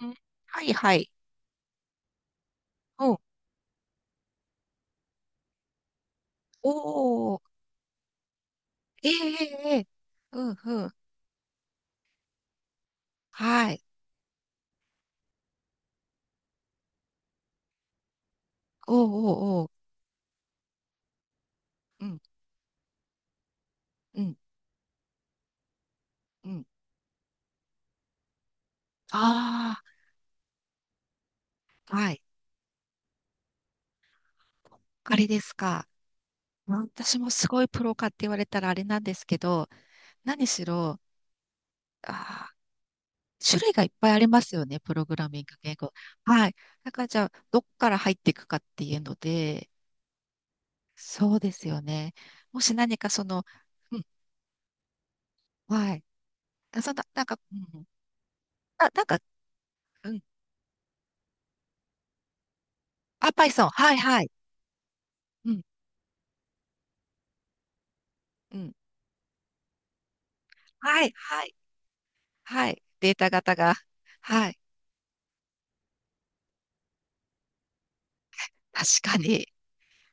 うん。はいはい。うん。おお。ええええええ。うんうん。はい。おおおーお。うん、うん、うん。ああ、はい。あれですか。うん、私もすごいプロかって言われたらあれなんですけど、何しろ、あ種類がいっぱいありますよね、プログラミング言語。はい。だからじゃあ、どっから入っていくかっていうので。そうですよね。もし何かその、うん、はい。あ、そんな、なんか、うん、あ、なんか、うん、あ、パイソン。はい、はい。うん、うん。はい、はい、はい。データ型が。はい。確かに。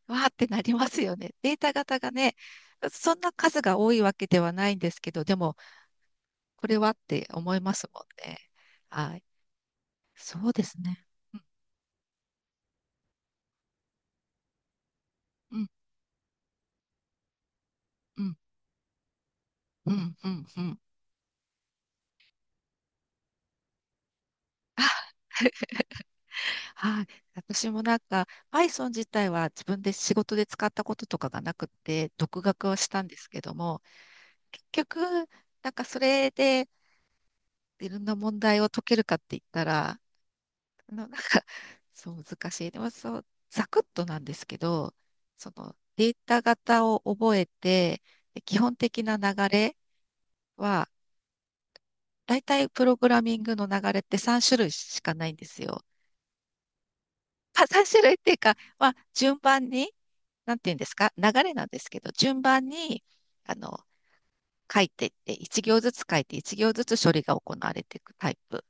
わーってなりますよね。データ型がね、そんな数が多いわけではないんですけど、でも、これはって思いますもんね。はい。そうですね。うん、うん、うん、うん、うん。うん、あ、はい。私もなんか、Python 自体は自分で仕事で使ったこととかがなくって、独学をしたんですけども、結局、なんかそれで、いろんな問題を解けるかって言ったら、なんか、そう、難しい。でも、そう、ざくっとなんですけど、データ型を覚えて、で基本的な流れは、大体プログラミングの流れって3種類しかないんですよ。まあ、3種類っていうか、まあ、順番に、なんていうんですか、流れなんですけど、順番に、あの、書いていって、1行ずつ書いて、1行ずつ処理が行われていくタイプ。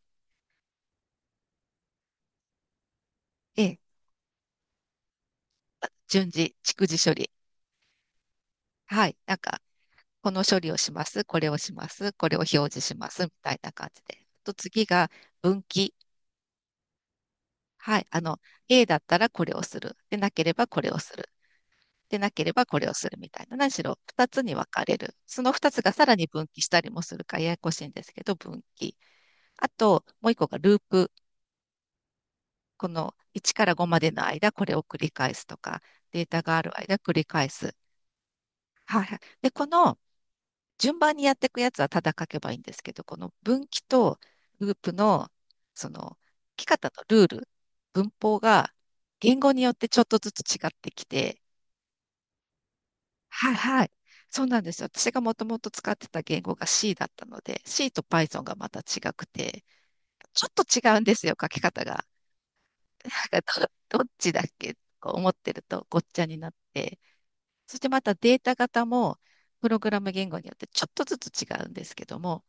ええ、順次、逐次処理。はい。なんか、この処理をします、これをします、これを表示します、みたいな感じで。と次が分岐。はい。A だったらこれをする。でなければこれをする。でなければこれをするみたいな。何しろ2つに分かれる。その2つがさらに分岐したりもするからややこしいんですけど、分岐。あと、もう1個がループ。この1から5までの間、これを繰り返すとか、データがある間繰り返す。はい。で、この順番にやっていくやつはただ書けばいいんですけど、この分岐とループの、その、書き方のルール、文法が言語によってちょっとずつ違ってきて、はいはい。そうなんですよ。私がもともと使ってた言語が C だったので、C と Python がまた違くて、ちょっと違うんですよ、書き方が。なんかどっちだっけとか思ってるとごっちゃになって、そしてまたデータ型も、プログラム言語によってちょっとずつ違うんですけども、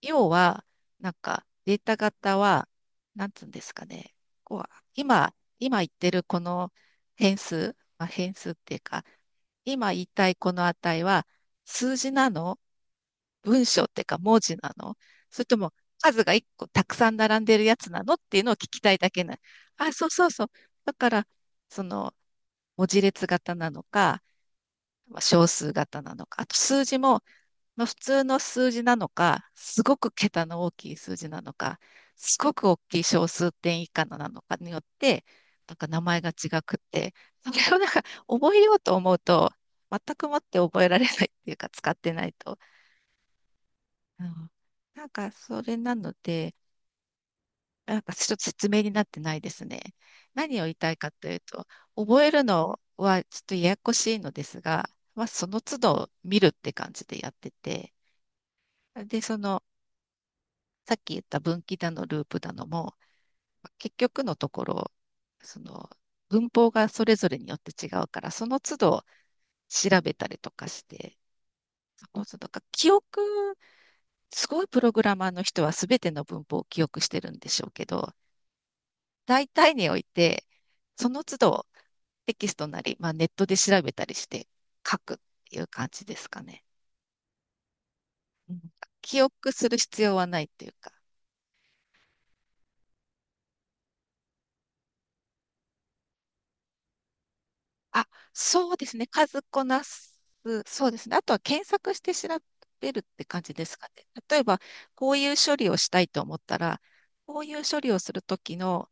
要は、なんかデータ型は、なんつうんですかね、こう今言ってるこの変数、まあ、変数っていうか、今言いたいこの値は数字なの、文章っていうか文字なの、それとも数が一個たくさん並んでるやつなのっていうのを聞きたいだけな。あ、そうそうそう。だから、その文字列型なのか、まあ小数型なのか、あと数字も、まあ、普通の数字なのか、すごく桁の大きい数字なのか、すごく大きい小数点以下のなのかによって、なんか名前が違くって、それをなんか覚えようと思うと、全くもって覚えられないっていうか使ってないと。うん、なんかそれなので、なんかちょっと説明になってないですね。何を言いたいかというと、覚えるのはちょっとややこしいのですが、まあその都度見るって感じでやってて、で、さっき言った分岐だのループだのも、結局のところ、その、文法がそれぞれによって違うから、その都度調べたりとかして、その都度か、記憶、すごいプログラマーの人は全ての文法を記憶してるんでしょうけど、大体において、その都度テキストなり、まあ、ネットで調べたりして書くっていう感じですかね。うん、記憶する必要はないっていうか。あ、そうですね。数こなす。そうですね。あとは検索して調べるって感じですかね。例えば、こういう処理をしたいと思ったら、こういう処理をするときの、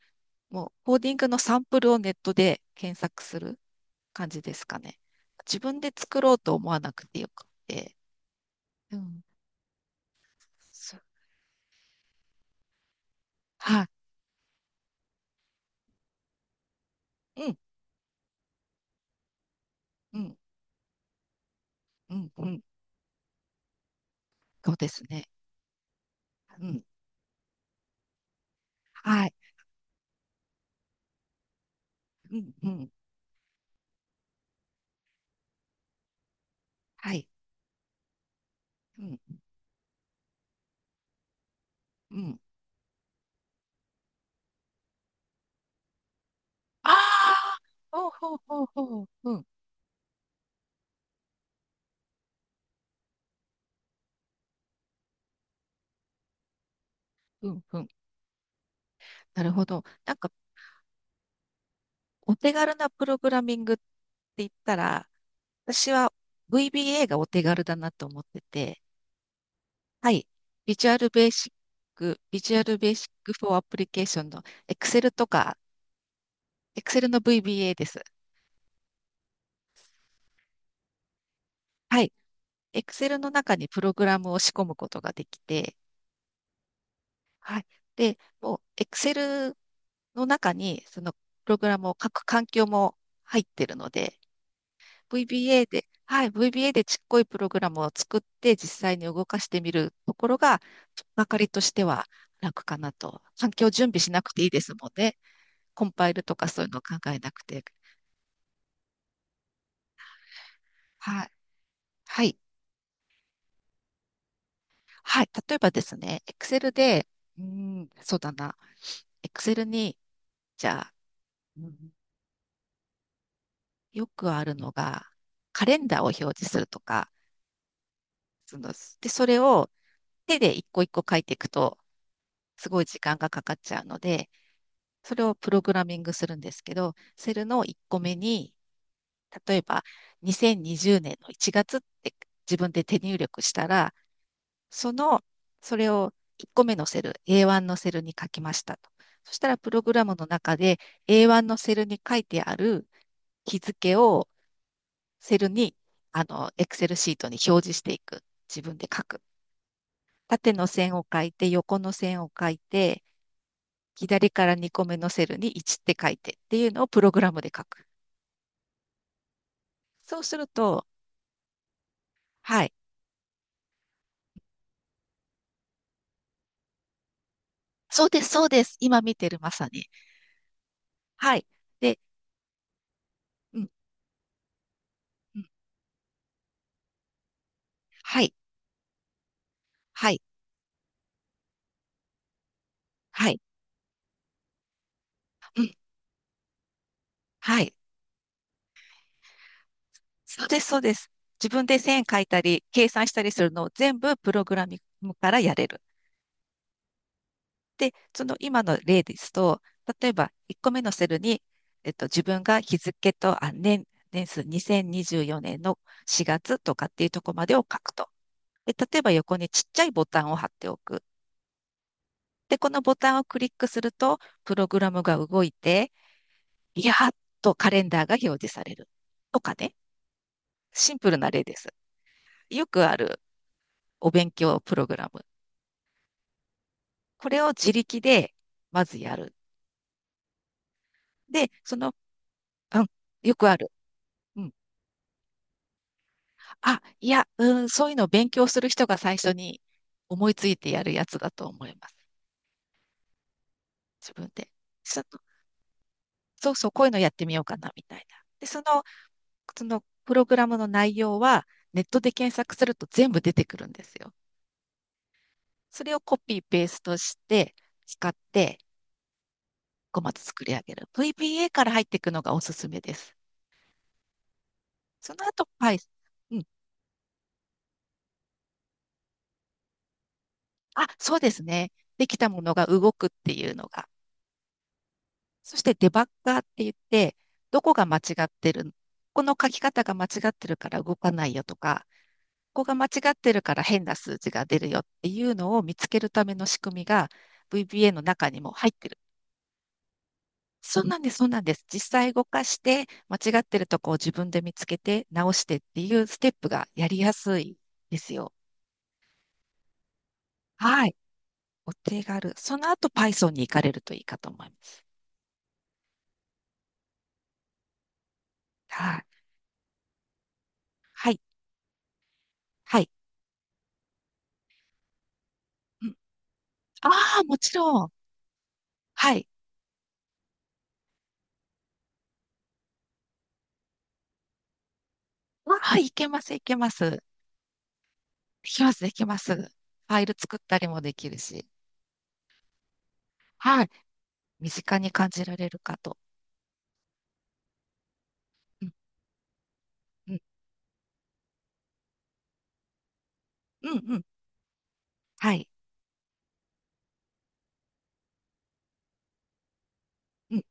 もうコーディングのサンプルをネットで検索する感じですかね。自分で作ろうと思わなくてよくて。そう、はい。うん、うん、うん、うん。そうですね。うん、はい。うん、うん、はい。うん、うん。ああ、ほうほうほうほう。うん、うん、うん。なるほど。なんか、お手軽なプログラミングって言ったら、私は VBA がお手軽だなと思ってて、はい。ビジュアルベーシッビジュアルベーシックフォーアプリケーションの Excel とか、Excel の VBA です。はい。Excel の中にプログラムを仕込むことができて、はい。で、もう、Excel の中に、プログラムを書く環境も入ってるので、VBA で、はい、VBA でちっこいプログラムを作って、実際に動かしてみるところが、とっかかりとしては楽かなと。環境準備しなくていいですもんね。コンパイルとかそういうのを考えなくて。はい。はい。はい。例えばですね、Excel で、うーん、そうだな。Excel に、じゃあ、うん、よくあるのが、カレンダーを表示するとか、その、で、それを手で一個一個書いていくと、すごい時間がかかっちゃうので、それをプログラミングするんですけど、セルの一個目に、例えば2020年の1月って自分で手入力したら、その、それを一個目のセル、A1 のセルに書きましたと。そしたら、プログラムの中で A1 のセルに書いてある日付をセルに、エクセルシートに表示していく。自分で書く。縦の線を書いて、横の線を書いて、左から2個目のセルに1って書いてっていうのをプログラムで書く。そうすると、はい。そうです、そうです。今見てる、まさに。はい。で、うん、うん。はい、はい、はい、はい。そうです、そうです。自分で線書いたり、計算したりするのを全部プログラミングからやれる。で、その今の例ですと、例えば1個目のセルに、自分が日付と、あ、年数2024年の4月とかっていうところまでを書くと。で、例えば横にちっちゃいボタンを貼っておく。で、このボタンをクリックすると、プログラムが動いて、いやーっとカレンダーが表示される。とかね、シンプルな例です。よくあるお勉強プログラム。これを自力でまずやる。で、うん、よくある。うん、あ、いや、うん、そういうのを勉強する人が最初に思いついてやるやつだと思います。自分で。そのそうそう、こういうのやってみようかな、みたいな。で、そのプログラムの内容は、ネットで検索すると全部出てくるんですよ。それをコピーペーストして、使って、ごまつ作り上げる。VBA から入っていくのがおすすめです。その後、はい。うん。あ、そうですね。できたものが動くっていうのが、そしてデバッガーって言って、どこが間違ってる、この書き方が間違ってるから動かないよとか、ここが間違ってるから変な数字が出るよっていうのを見つけるための仕組みが VBA の中にも入ってる。そうなんです、そうなんです。実際動かして、間違ってるとこを自分で見つけて直してっていうステップがやりやすいですよ。はい。お手軽。その後 Python に行かれるといいかと思います。はい。はい。はい。うん、ああ、もちろん。はい。はい、いけます、いけます。できます、できます。ファイル作ったりもできるし。はい。身近に感じられるかと。うん、うん、うん、うん。はい。うん、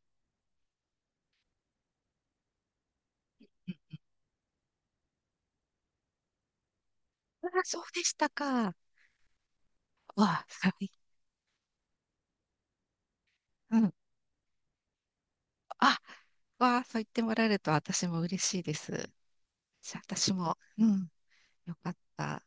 うん。あ、そうでしたか。わあ、はい。うん。あ、わあ、そう言ってもらえると私も嬉しいです。じゃあ私も、うん、よかった。